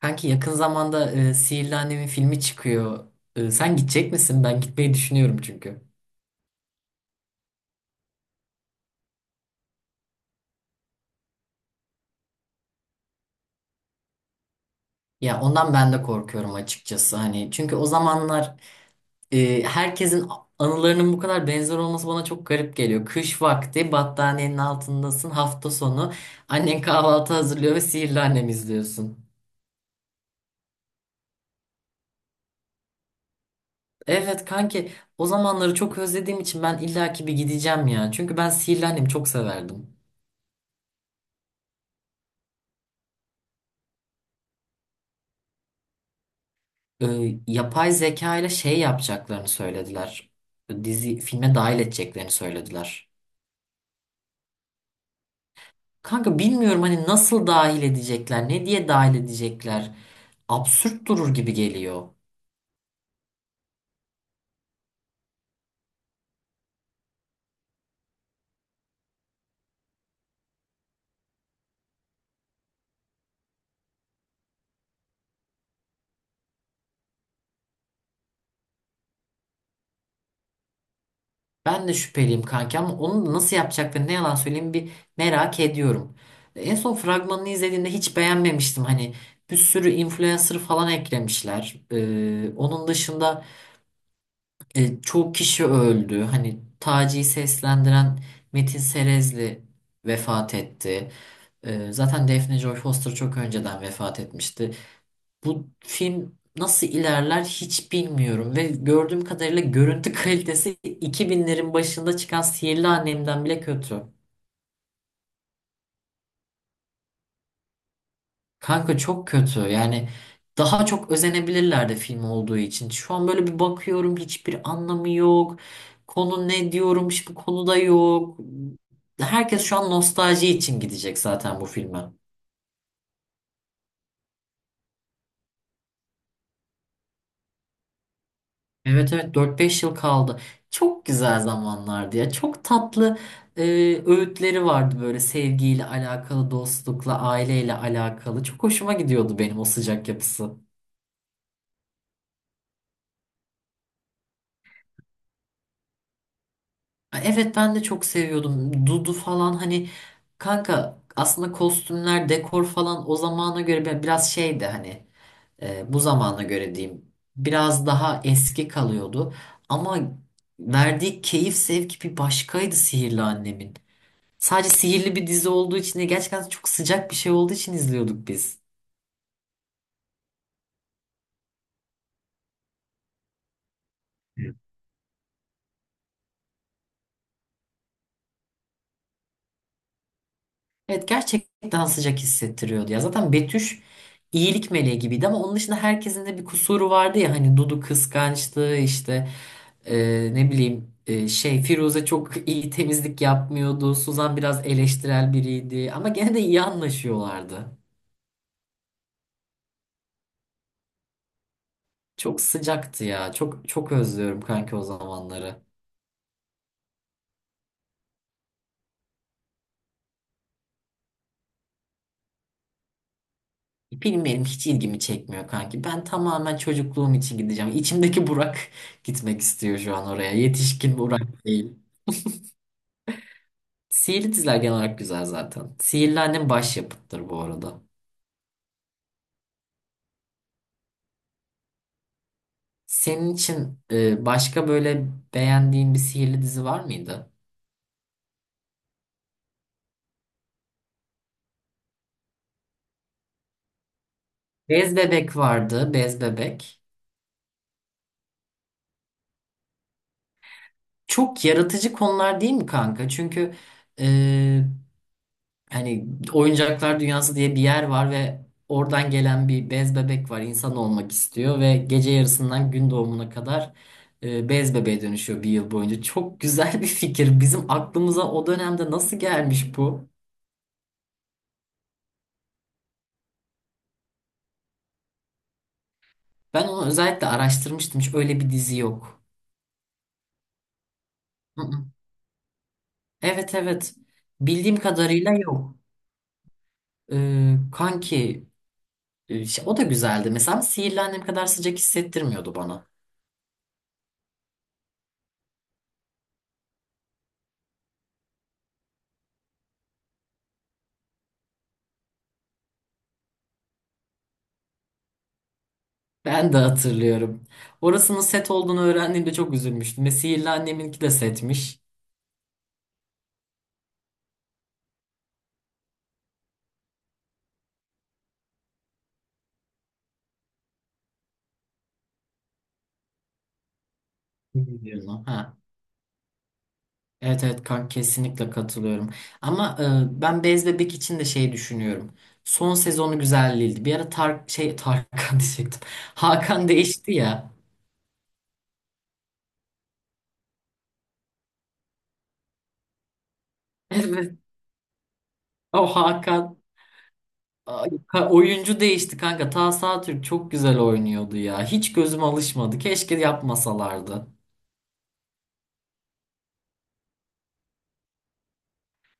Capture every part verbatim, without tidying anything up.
Kanki yakın zamanda e, Sihirli Annem'in filmi çıkıyor. E, sen gidecek misin? Ben gitmeyi düşünüyorum çünkü. Ya ondan ben de korkuyorum açıkçası. Hani çünkü o zamanlar e, herkesin anılarının bu kadar benzer olması bana çok garip geliyor. Kış vakti battaniyenin altındasın hafta sonu. Annen kahvaltı hazırlıyor ve Sihirli Annem izliyorsun. Evet kanki, o zamanları çok özlediğim için ben illaki bir gideceğim ya. Çünkü ben Sihirli Annem'i çok severdim. e, Yapay zeka ile şey yapacaklarını söylediler. Dizi filme dahil edeceklerini söylediler. Kanka bilmiyorum, hani nasıl dahil edecekler, ne diye dahil edecekler. Absürt durur gibi geliyor. Ben de şüpheliyim kanka, ama onu nasıl yapacaklarını ne yalan söyleyeyim, bir merak ediyorum. En son fragmanını izlediğimde hiç beğenmemiştim. Hani bir sürü influencer falan eklemişler. Ee, onun dışında, E, çok kişi öldü. Hani Taci'yi seslendiren Metin Serezli vefat etti. E, zaten Daphne Joy Foster çok önceden vefat etmişti. Bu film nasıl ilerler hiç bilmiyorum ve gördüğüm kadarıyla görüntü kalitesi iki binlerin başında çıkan Sihirli Annem'den bile kötü. Kanka çok kötü. Yani daha çok özenebilirlerdi film olduğu için. Şu an böyle bir bakıyorum, hiçbir anlamı yok. Konu ne diyorum, hiçbir konu da yok. Herkes şu an nostalji için gidecek zaten bu filme. Evet, evet, dört beş yıl kaldı. Çok güzel zamanlardı ya. Çok tatlı e, öğütleri vardı böyle, sevgiyle alakalı, dostlukla, aileyle alakalı. Çok hoşuma gidiyordu benim o sıcak yapısı. Evet, ben de çok seviyordum. Dudu falan, hani kanka aslında kostümler, dekor falan o zamana göre bi- biraz şeydi, hani e, bu zamana göre diyeyim. Biraz daha eski kalıyordu. Ama verdiği keyif sevki bir başkaydı Sihirli Annem'in. Sadece sihirli bir dizi olduğu için de, gerçekten çok sıcak bir şey olduğu için izliyorduk biz. Evet, gerçekten sıcak hissettiriyordu ya. Zaten Betüş iyilik meleği gibiydi ama onun dışında herkesin de bir kusuru vardı ya, hani Dudu kıskançlığı işte. Ee, ne bileyim, e, şey Firuze çok iyi temizlik yapmıyordu. Suzan biraz eleştirel biriydi ama gene de iyi anlaşıyorlardı. Çok sıcaktı ya. Çok çok özlüyorum kanki o zamanları. Bilmiyorum, hiç ilgimi çekmiyor kanki. Ben tamamen çocukluğum için gideceğim. İçimdeki Burak gitmek istiyor şu an oraya. Yetişkin Burak değil. Sihirli diziler genel olarak güzel zaten. Sihirli Annem başyapıttır bu arada. Senin için e, başka böyle beğendiğin bir sihirli dizi var mıydı? Bez bebek vardı, bez bebek. Çok yaratıcı konular değil mi kanka? Çünkü e, hani oyuncaklar dünyası diye bir yer var ve oradan gelen bir bez bebek var. İnsan olmak istiyor ve gece yarısından gün doğumuna kadar e, bez bebeğe dönüşüyor bir yıl boyunca. Çok güzel bir fikir. Bizim aklımıza o dönemde nasıl gelmiş bu? Ben onu özellikle araştırmıştım. Hiç öyle bir dizi yok. Hı hı. Evet, evet. Bildiğim kadarıyla yok. E, kanki. E, işte o da güzeldi. Mesela Sihirli Annem kadar sıcak hissettirmiyordu bana. Ben de hatırlıyorum. Orasının set olduğunu öğrendiğimde çok üzülmüştüm. Ve Sihirli Annem'inki de setmiş. Bilmiyorum. Ha. Evet, evet kanka, kesinlikle katılıyorum. Ama e, ben Bez Bebek için de şey düşünüyorum. Son sezonu güzel değildi. Bir ara Tar şey Tarkan diyecektim. Hakan değişti ya. Evet. O Hakan. Ay, ka- oyuncu değişti kanka. Tahsin Atürk çok güzel oynuyordu ya. Hiç gözüm alışmadı. Keşke yapmasalardı.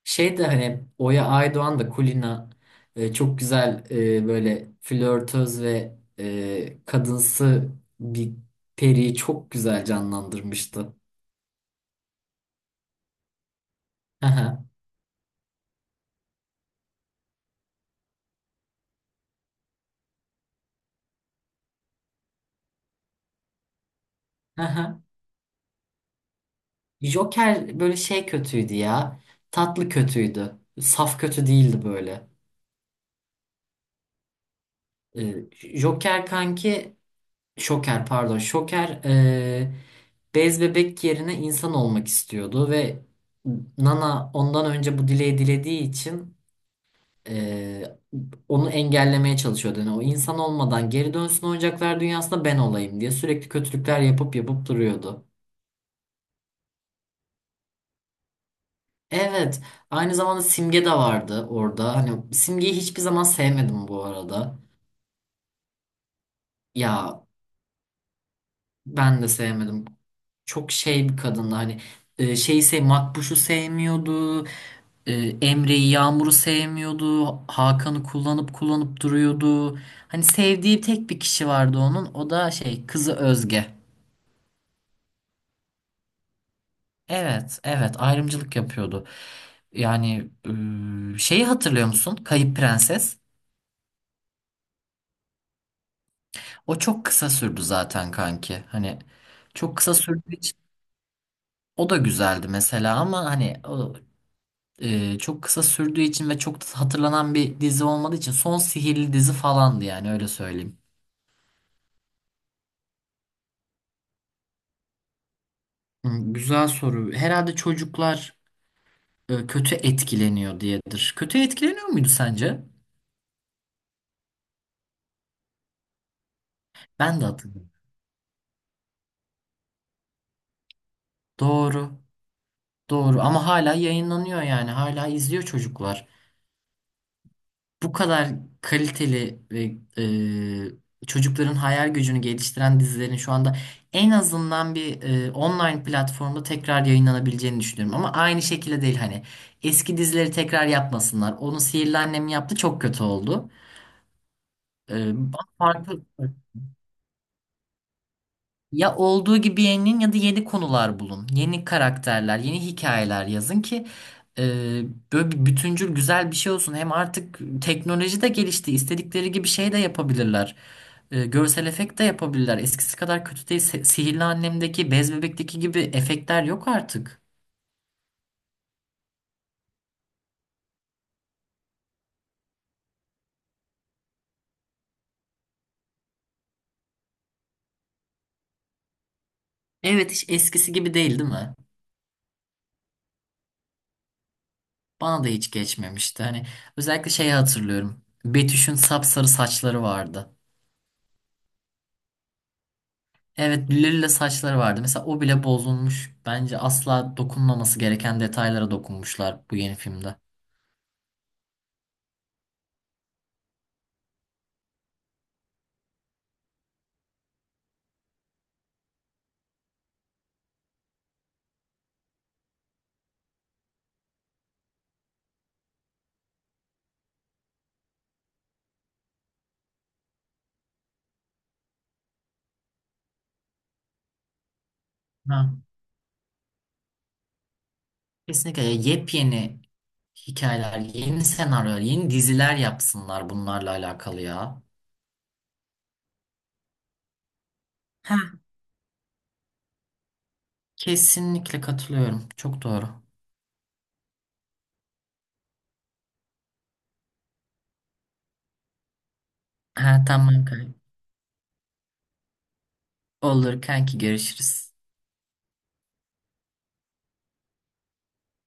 Şey de, hani Oya Aydoğan da Kulina e, çok güzel e, böyle flörtöz ve e, kadınsı bir periyi çok güzel canlandırmıştı. Hı hı, hı hı. Joker böyle şey kötüydü ya. Tatlı kötüydü. Saf kötü değildi böyle. E, Joker kanki Şoker pardon. Şoker eee, bez bebek yerine insan olmak istiyordu ve Nana ondan önce bu dileği dilediği için eee, onu engellemeye çalışıyordu. Yani o insan olmadan geri dönsün, oyuncaklar dünyasında ben olayım diye sürekli kötülükler yapıp yapıp duruyordu. Evet, aynı zamanda Simge de vardı orada. Hani Simge'yi hiçbir zaman sevmedim bu arada. Ya, ben de sevmedim. Çok şey bir kadındı, hani e, şeyi sev Makbuş'u sevmiyordu. e, Emre'yi, Yağmur'u sevmiyordu. Hakan'ı kullanıp kullanıp duruyordu. Hani sevdiği tek bir kişi vardı onun. O da şey kızı Özge. Evet, evet ayrımcılık yapıyordu. Yani e, şeyi hatırlıyor musun? Kayıp Prenses. O çok kısa sürdü zaten kanki. Hani çok kısa sürdüğü için o da güzeldi mesela, ama hani o, e, çok kısa sürdüğü için ve çok da hatırlanan bir dizi olmadığı için son sihirli dizi falandı yani, öyle söyleyeyim. Hı, güzel soru. Herhalde çocuklar e, kötü etkileniyor diyedir. Kötü etkileniyor muydu sence? Ben de hatırlıyorum. Doğru. Doğru, ama hala yayınlanıyor yani, hala izliyor çocuklar. Bu kadar kaliteli ve e, çocukların hayal gücünü geliştiren dizilerin şu anda en azından bir e, online platformda tekrar yayınlanabileceğini düşünüyorum. Ama aynı şekilde değil, hani eski dizileri tekrar yapmasınlar. Onu Sihirli Annem yaptı, çok kötü oldu. E, Farklı. Ya olduğu gibi yeninin ya da yeni konular bulun. Yeni karakterler, yeni hikayeler yazın ki e, böyle bir bütüncül güzel bir şey olsun. Hem artık teknoloji de gelişti. İstedikleri gibi şey de yapabilirler. E, görsel efekt de yapabilirler. Eskisi kadar kötü değil. Se- Sihirli Annem'deki, Bez Bebek'teki gibi efektler yok artık. Evet, hiç eskisi gibi değil, değil mi? Bana da hiç geçmemişti. Hani özellikle şeyi hatırlıyorum. Betüş'ün sapsarı saçları vardı. Evet, lila saçları vardı. Mesela o bile bozulmuş. Bence asla dokunmaması gereken detaylara dokunmuşlar bu yeni filmde. Ha. Kesinlikle yepyeni hikayeler, yeni senaryolar, yeni diziler yapsınlar bunlarla alakalı ya. Ha. Kesinlikle katılıyorum. Çok doğru. Ha, tamam kanka. Olur kanki, görüşürüz.